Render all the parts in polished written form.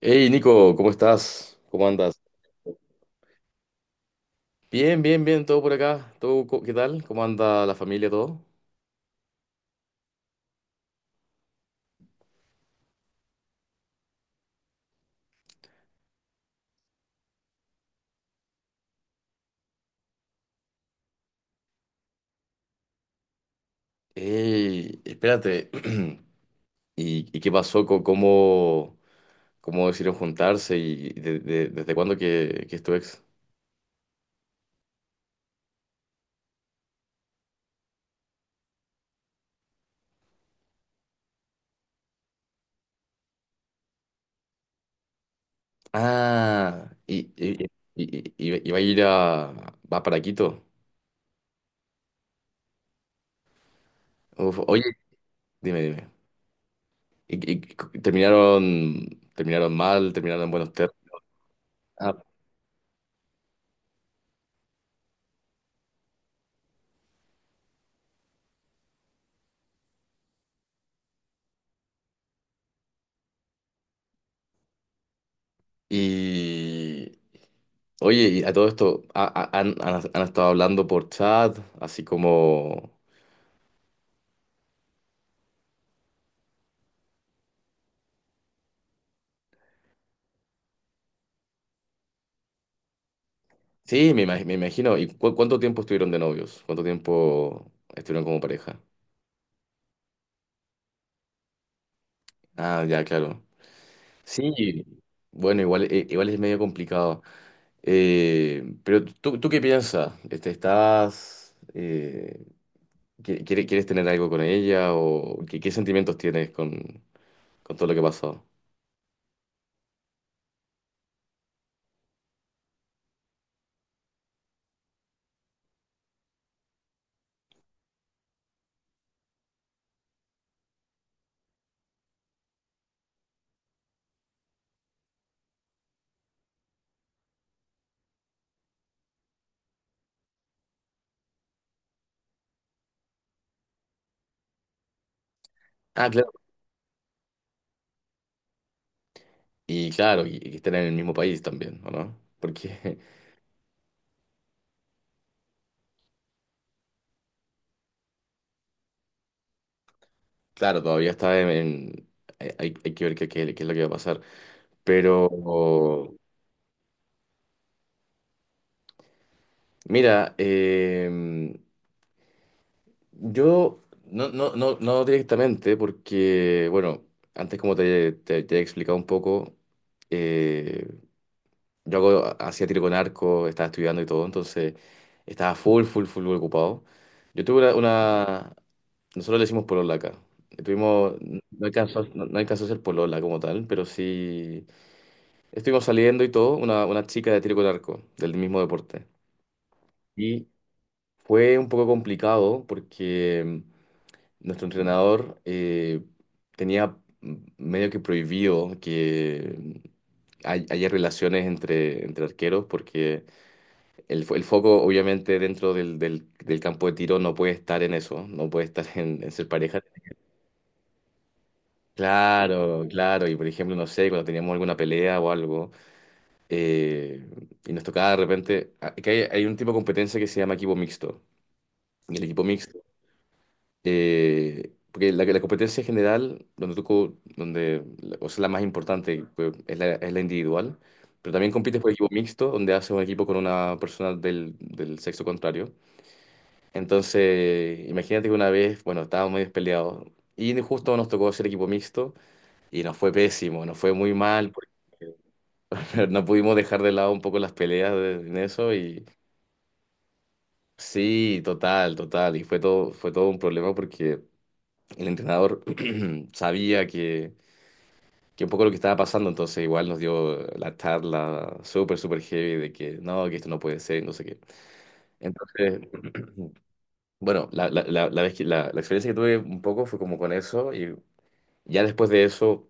Hey Nico, ¿cómo estás? ¿Cómo andas? Bien, bien, bien, todo por acá. ¿Todo, qué tal? ¿Cómo anda la familia, todo? Hey, espérate. ¿Y qué pasó? ¿Cómo, cómo decidieron juntarse? ¿Y desde cuándo que es tu ex? Ah, y, y, y va a ir a... va para Quito. Uf, oye, dime, dime. ¿Y terminaron, terminaron mal? ¿Terminaron en buenos términos? Ah, y oye, y a todo esto, ¿Han estado hablando por chat, así como... Sí, me, me imagino. ¿Y cuánto tiempo estuvieron de novios? ¿Cuánto tiempo estuvieron como pareja? Ah, ya, claro. Sí, bueno, igual, igual es medio complicado. Pero ¿tú, tú qué piensas? Este, ¿estás... ¿Quieres tener algo con ella? ¿O qué, qué sentimientos tienes con todo lo que ha pasado? Ah, claro. Y claro, y estén en el mismo país también, ¿o no? Porque... Claro, todavía está en... hay, que ver qué, qué es lo que va a pasar. Pero, mira, yo no, no, no, no directamente, porque, bueno, antes como te, te he explicado un poco, eh, yo hacía tiro con arco, estaba estudiando y todo, entonces estaba full, full, full ocupado. Yo tuve una... nosotros le decimos polola acá. Tuvimos, no alcanzó, no, no alcanzó a ser polola como tal, pero sí... Estuvimos saliendo y todo, una chica de tiro con arco, del mismo deporte. Y fue un poco complicado porque nuestro entrenador tenía medio que prohibido que haya relaciones entre, entre arqueros porque el, el foco obviamente dentro del, del campo de tiro no puede estar en eso, no puede estar en ser pareja. Claro, claro. Y por ejemplo, no sé, cuando teníamos alguna pelea o algo. Eh, y nos tocaba de repente, que hay un tipo de competencia que se llama equipo mixto. Y el equipo mixto, porque la competencia general, donde tú, donde, o sea, la más importante, pues, es la individual, pero también compites por equipo mixto, donde haces un equipo con una persona del, del sexo contrario. Entonces, imagínate que una vez, bueno, estábamos medio peleados y justo nos tocó hacer equipo mixto y nos fue pésimo, nos fue muy mal, porque no pudimos dejar de lado un poco las peleas en eso y... Sí, total, total. Y fue todo un problema porque el entrenador sabía que un poco lo que estaba pasando, entonces igual nos dio la charla súper, súper heavy de que no, que esto no puede ser, no sé qué. Entonces, bueno, la vez que, la experiencia que tuve un poco fue como con eso y ya después de eso,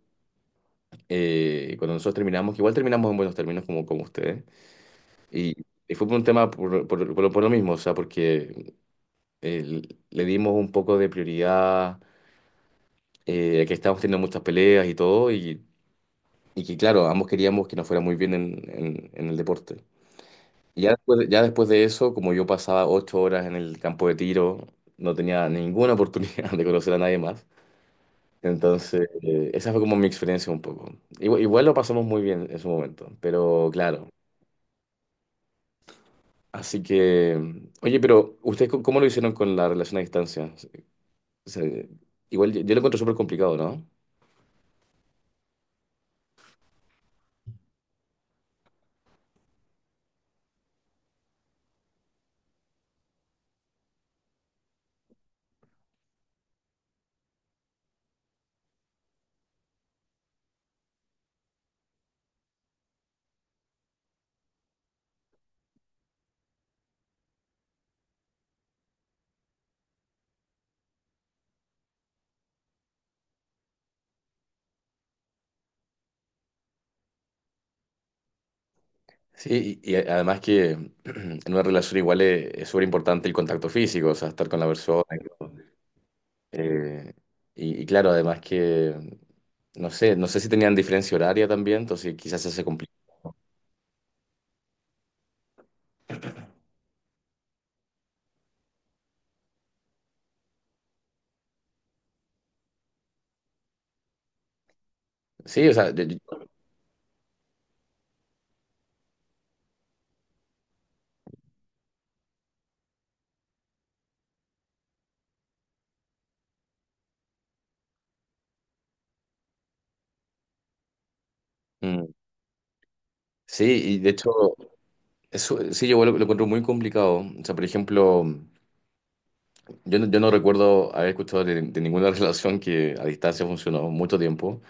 cuando nosotros terminamos, que igual terminamos en buenos términos como, como ustedes, y, y fue por un tema por, por lo mismo, o sea, porque eh, le dimos un poco de prioridad, que estábamos teniendo muchas peleas y todo, y que claro, ambos queríamos que nos fuera muy bien en, en el deporte. Y ya después, ya después de eso, como yo pasaba 8 horas en el campo de tiro, no tenía ninguna oportunidad de conocer a nadie más. Entonces, esa fue como mi experiencia un poco. Igual, igual lo pasamos muy bien en su momento, pero claro. Así que, oye, pero ¿ustedes cómo cómo lo hicieron con la relación a distancia? Se- Igual yo, yo lo encuentro súper complicado, ¿no? Sí, y además que en una relación igual es súper importante el contacto físico, o sea, estar con la persona. Y todo. eh, y, y claro, además que, no sé, no sé si tenían diferencia horaria también, entonces quizás se complicó. Sí, o sea, mm, sí, y de hecho, eso sí, yo lo encuentro muy complicado. O sea, por ejemplo, yo no, yo no recuerdo haber escuchado de ninguna relación que a distancia funcionó mucho tiempo.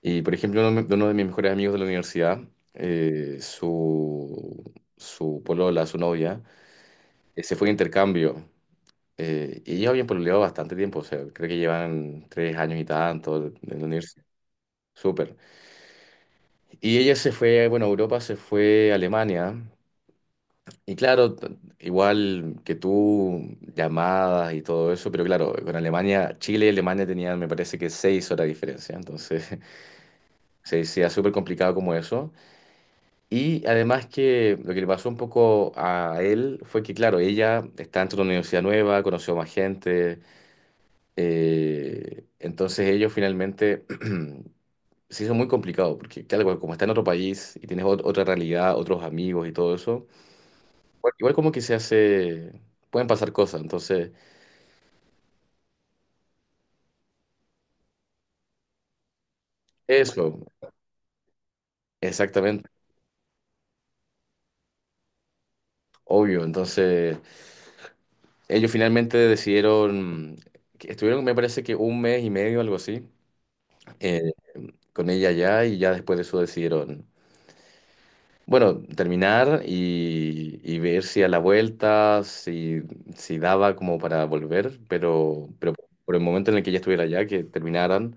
Y por ejemplo, uno de mis mejores amigos de la universidad, su, su polola, su novia, se fue de intercambio. Y ellos habían pololeado bastante tiempo, o sea, creo que llevan 3 años y tanto en la universidad. Súper. Y ella se fue, bueno, a Europa, se fue a Alemania. Y claro, igual que tú, llamadas y todo eso, pero claro, con Alemania, Chile y Alemania tenían, me parece que 6 horas de diferencia. Entonces, se decía súper complicado como eso. Y además que lo que le pasó un poco a él fue que, claro, ella está dentro de una universidad nueva, conoció más gente, entonces ellos finalmente se hizo muy complicado, porque claro, como está en otro país y tienes otra realidad, otros amigos y todo eso, igual igual como que se hace, pueden pasar cosas, entonces eso, exactamente, obvio, entonces ellos finalmente decidieron, que estuvieron me parece que un mes y medio, algo así con ella ya y ya después de eso decidieron, bueno, terminar y ver si a la vuelta, si, si daba como para volver, pero por el momento en el que ella estuviera allá, que terminaran,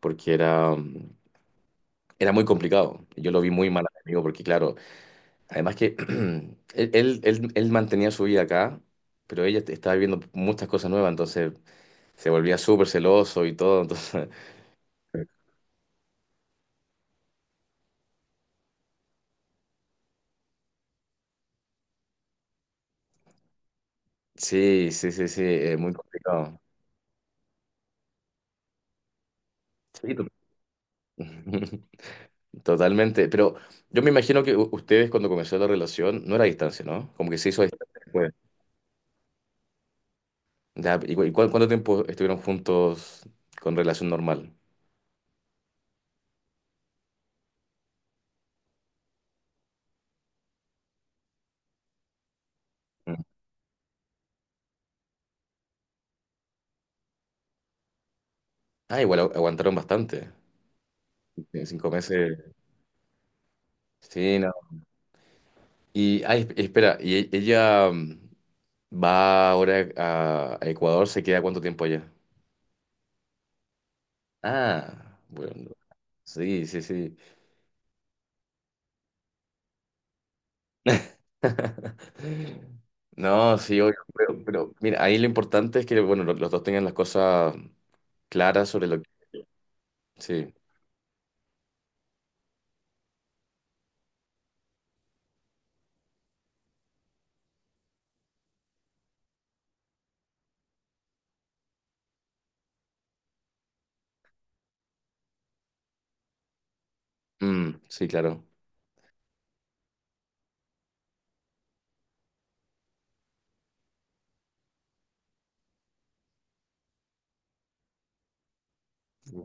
porque era, era muy complicado. Yo lo vi muy mal a mi amigo, porque claro, además que él mantenía su vida acá, pero ella estaba viviendo muchas cosas nuevas, entonces se volvía súper celoso y todo, entonces sí, sí, sí, sí, es muy complicado. Sí, tú- Totalmente, pero yo me imagino que ustedes cuando comenzó la relación no era a distancia, ¿no? Como que se hizo a distancia después. Ya, ¿y, cu- cuánto tiempo estuvieron juntos con relación normal? Mm. Ah, igual aguantaron bastante, en 5 meses. Sí, no. Y, ay, espera, ¿y ella va ahora a Ecuador? ¿Se queda cuánto tiempo allá? Ah, bueno, sí, sí, sí. No, sí, obvio, pero mira, ahí lo importante es que, bueno, los dos tengan las cosas clara sobre lo que... Sí, mm, sí, claro.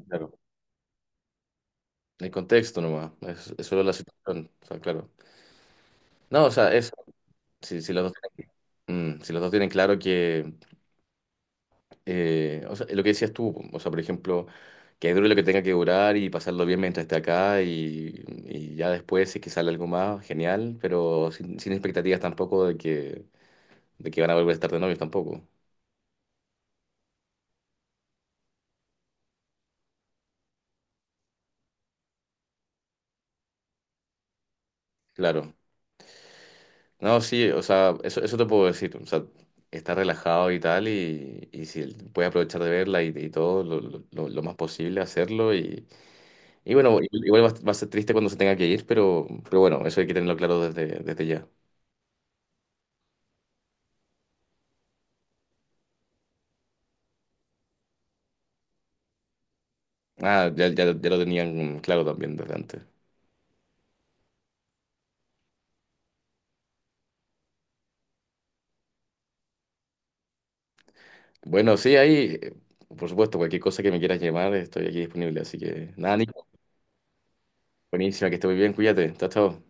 Claro. El contexto nomás, es solo la situación, o sea, claro. No, o sea, eso, si, si los dos tienen, si los dos tienen claro que, o sea, lo que decías tú, o sea, por ejemplo, que dure lo que tenga que durar y pasarlo bien mientras esté acá y ya después si es que sale algo más, genial, pero sin, sin expectativas tampoco de que, de que van a volver a estar de novios tampoco, claro. No, sí, o sea, eso te puedo decir. O sea, está relajado y tal, y si puedes aprovechar de verla y todo, lo, lo más posible hacerlo. Y bueno, igual va, a va a ser triste cuando se tenga que ir, pero bueno, eso hay que tenerlo claro desde, desde ya. Ah, ya, ya, ya lo tenían claro también desde antes. Bueno, sí, ahí, por supuesto, cualquier cosa que me quieras llamar, estoy aquí disponible. Así que nada, Nico, buenísima, que esté muy bien, cuídate, chao, chao.